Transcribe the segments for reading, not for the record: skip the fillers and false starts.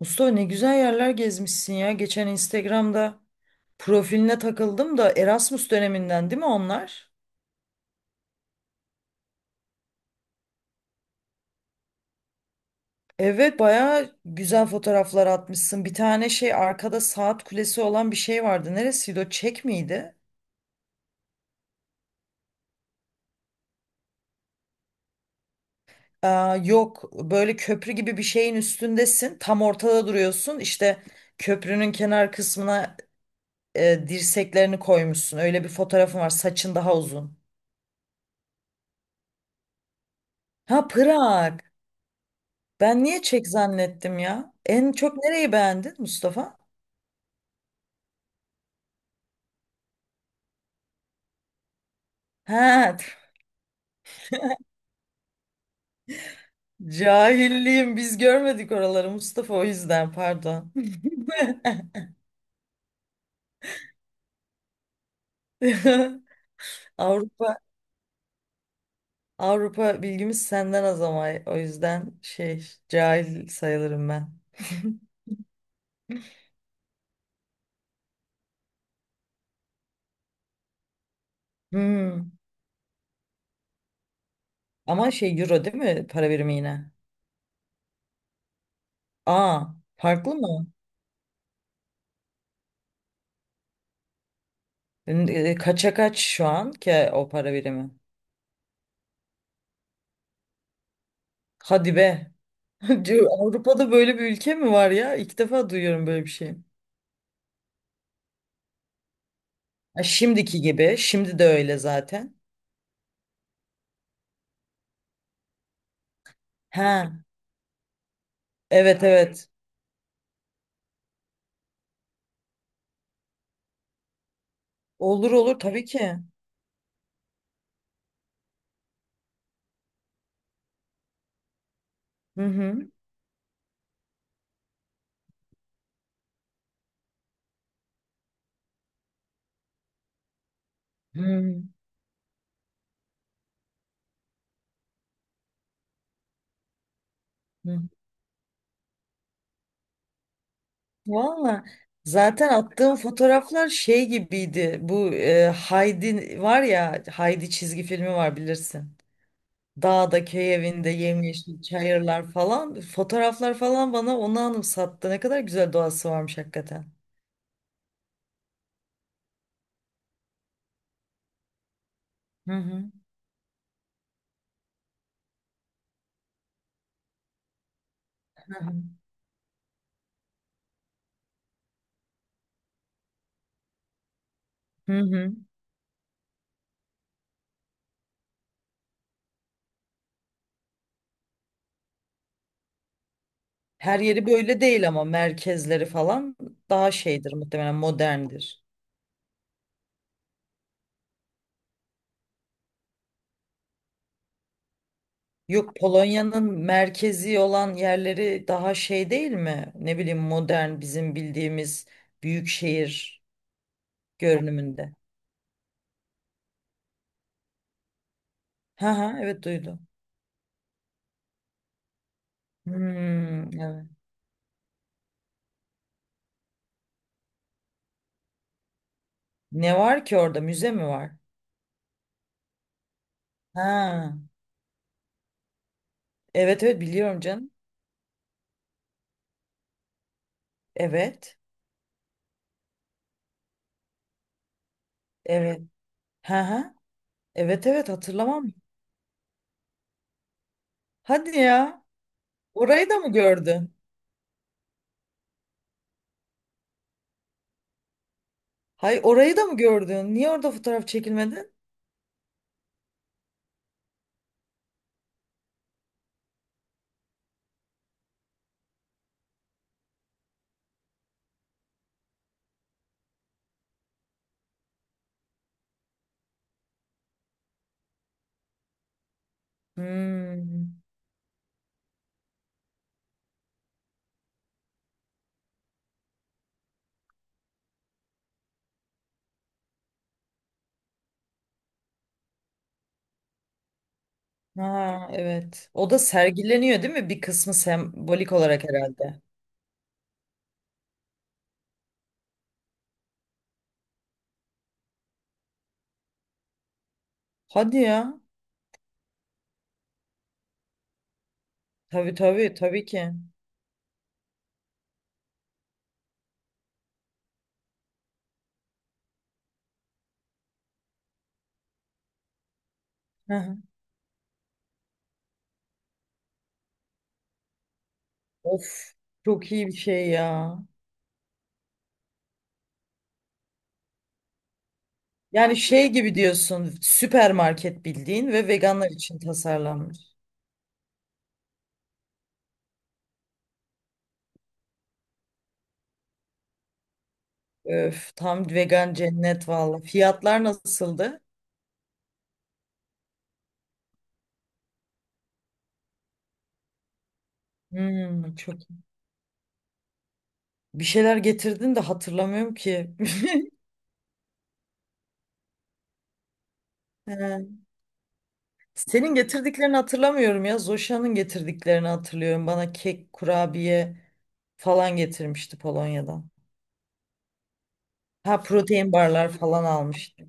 Mustafa ne güzel yerler gezmişsin ya. Geçen Instagram'da profiline takıldım da Erasmus döneminden değil mi onlar? Evet baya güzel fotoğraflar atmışsın. Bir tane şey arkada saat kulesi olan bir şey vardı. Neresiydi o? Çek miydi? Aa, yok böyle köprü gibi bir şeyin üstündesin. Tam ortada duruyorsun. İşte köprünün kenar kısmına dirseklerini koymuşsun. Öyle bir fotoğrafın var. Saçın daha uzun. Ha, Prag. Ben niye çek zannettim ya? En çok nereyi beğendin Mustafa? Ha, cahilliğim, biz görmedik oraları Mustafa, o yüzden pardon. Avrupa Avrupa bilgimiz senden az ama o yüzden şey, cahil sayılırım ben. Hmm. Ama şey, euro değil mi para birimi yine? Aa, farklı mı? Kaça kaç şu an ki o para birimi? Hadi be. Diyor, Avrupa'da böyle bir ülke mi var ya? İlk defa duyuyorum böyle bir şey. Ha, şimdiki gibi. Şimdi de öyle zaten. Ha, evet evet. Olur olur tabii ki. Hı hı. Hı hı. Valla zaten attığım fotoğraflar şey gibiydi. Bu Haydi var ya, Haydi çizgi filmi var, bilirsin. Dağda köy evinde yemyeşil çayırlar falan. Fotoğraflar falan bana onu anımsattı. Ne kadar güzel doğası varmış hakikaten. Hı hı. Hı hı. Her yeri böyle değil ama merkezleri falan daha şeydir muhtemelen, moderndir. Yok, Polonya'nın merkezi olan yerleri daha şey değil mi? Ne bileyim, modern, bizim bildiğimiz büyük şehir görünümünde. Ha ha, evet duydum. Hmm, evet. Ne var ki orada? Müze mi var? Ha. Evet evet biliyorum canım. Evet. Evet. Ha ha. Evet evet hatırlamam. Hadi ya. Orayı da mı gördün? Hay orayı da mı gördün? Niye orada fotoğraf çekilmedin? Hmm. Ha, evet. O da sergileniyor değil mi? Bir kısmı sembolik olarak herhalde. Hadi ya. Tabii tabii tabii ki. Hı hı. Of, çok iyi bir şey ya. Yani şey gibi diyorsun, süpermarket bildiğin ve veganlar için tasarlanmış. Öf, tam vegan cennet valla. Fiyatlar nasıldı? Hmm, çok iyi. Bir şeyler getirdin de hatırlamıyorum ki. He, Senin getirdiklerini hatırlamıyorum ya. Zoşa'nın getirdiklerini hatırlıyorum. Bana kek, kurabiye falan getirmişti Polonya'dan. Ha, protein barlar falan almıştı.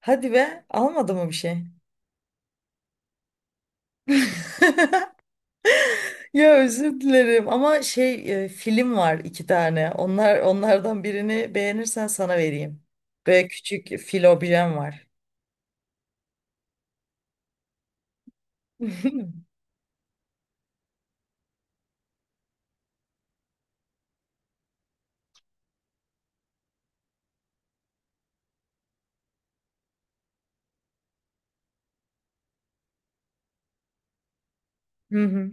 Hadi be, almadı mı bir şey? Ya özür dilerim ama şey, film var iki tane. Onlar, onlardan birini beğenirsen sana vereyim. Böyle küçük fil var. Hı hı.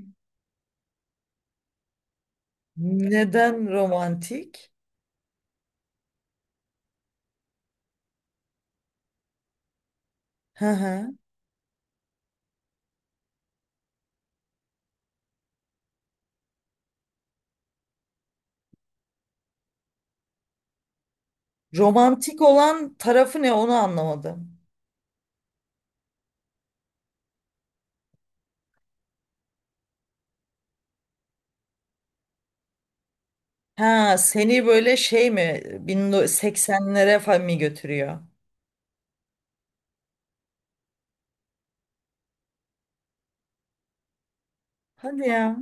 Neden romantik? Hı hı. Romantik olan tarafı ne, onu anlamadım. Ha, seni böyle şey mi, 1980'lere falan mı götürüyor? Hadi ya.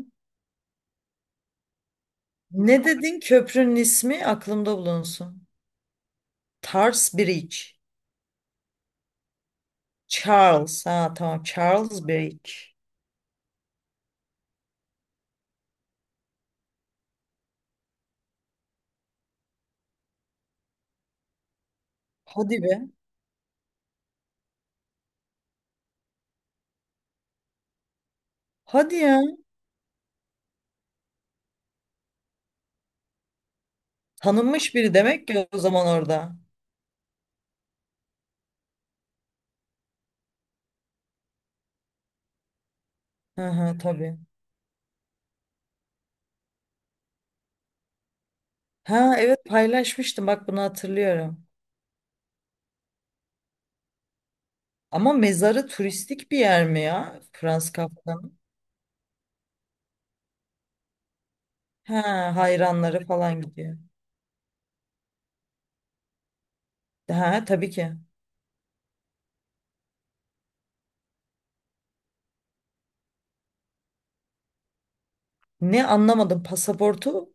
Ne dedin köprünün ismi, aklımda bulunsun. Tars Bridge. Charles. Ha tamam, Charles Bridge. Hadi be. Hadi ya. Tanınmış biri demek ki o zaman orada. Hı hı, tabii. Ha evet, paylaşmıştım, bak bunu hatırlıyorum. Ama mezarı turistik bir yer mi ya? Franz Kafka'nın. Ha, hayranları falan gidiyor. Ha, tabii ki. Ne, anlamadım, pasaportu?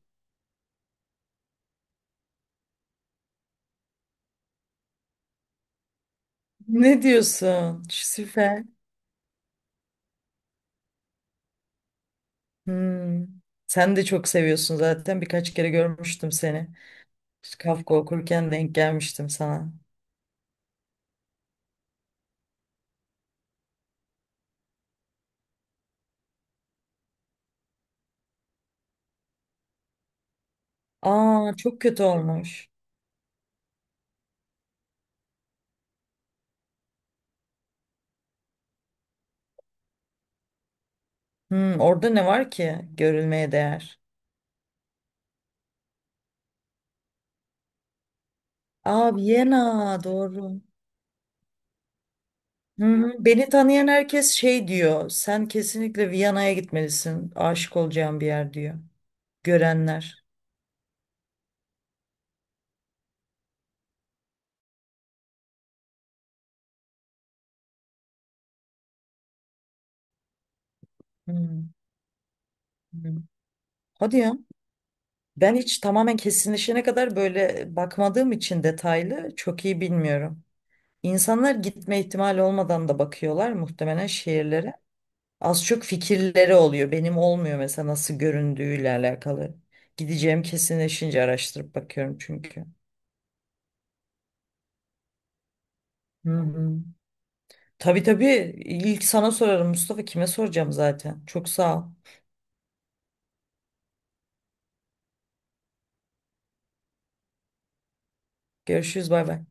Ne diyorsun? Süper. Hmm. Sen de çok seviyorsun zaten. Birkaç kere görmüştüm seni. İşte Kafka okurken denk gelmiştim sana. Aa, çok kötü olmuş. Hmm, orada ne var ki görülmeye değer? Aa, Viyana, doğru. Hı hı. Beni tanıyan herkes şey diyor. Sen kesinlikle Viyana'ya gitmelisin. Aşık olacağın bir yer diyor. Görenler. Hı hı. Hadi ya. Ben hiç tamamen kesinleşene kadar böyle bakmadığım için detaylı, çok iyi bilmiyorum. İnsanlar gitme ihtimali olmadan da bakıyorlar muhtemelen şehirlere. Az çok fikirleri oluyor. Benim olmuyor mesela, nasıl göründüğüyle alakalı. Gideceğim kesinleşince araştırıp bakıyorum çünkü. Hı hı. Tabii tabii, ilk sana sorarım Mustafa, kime soracağım zaten. Çok sağ ol. Görüşürüz, bay bay.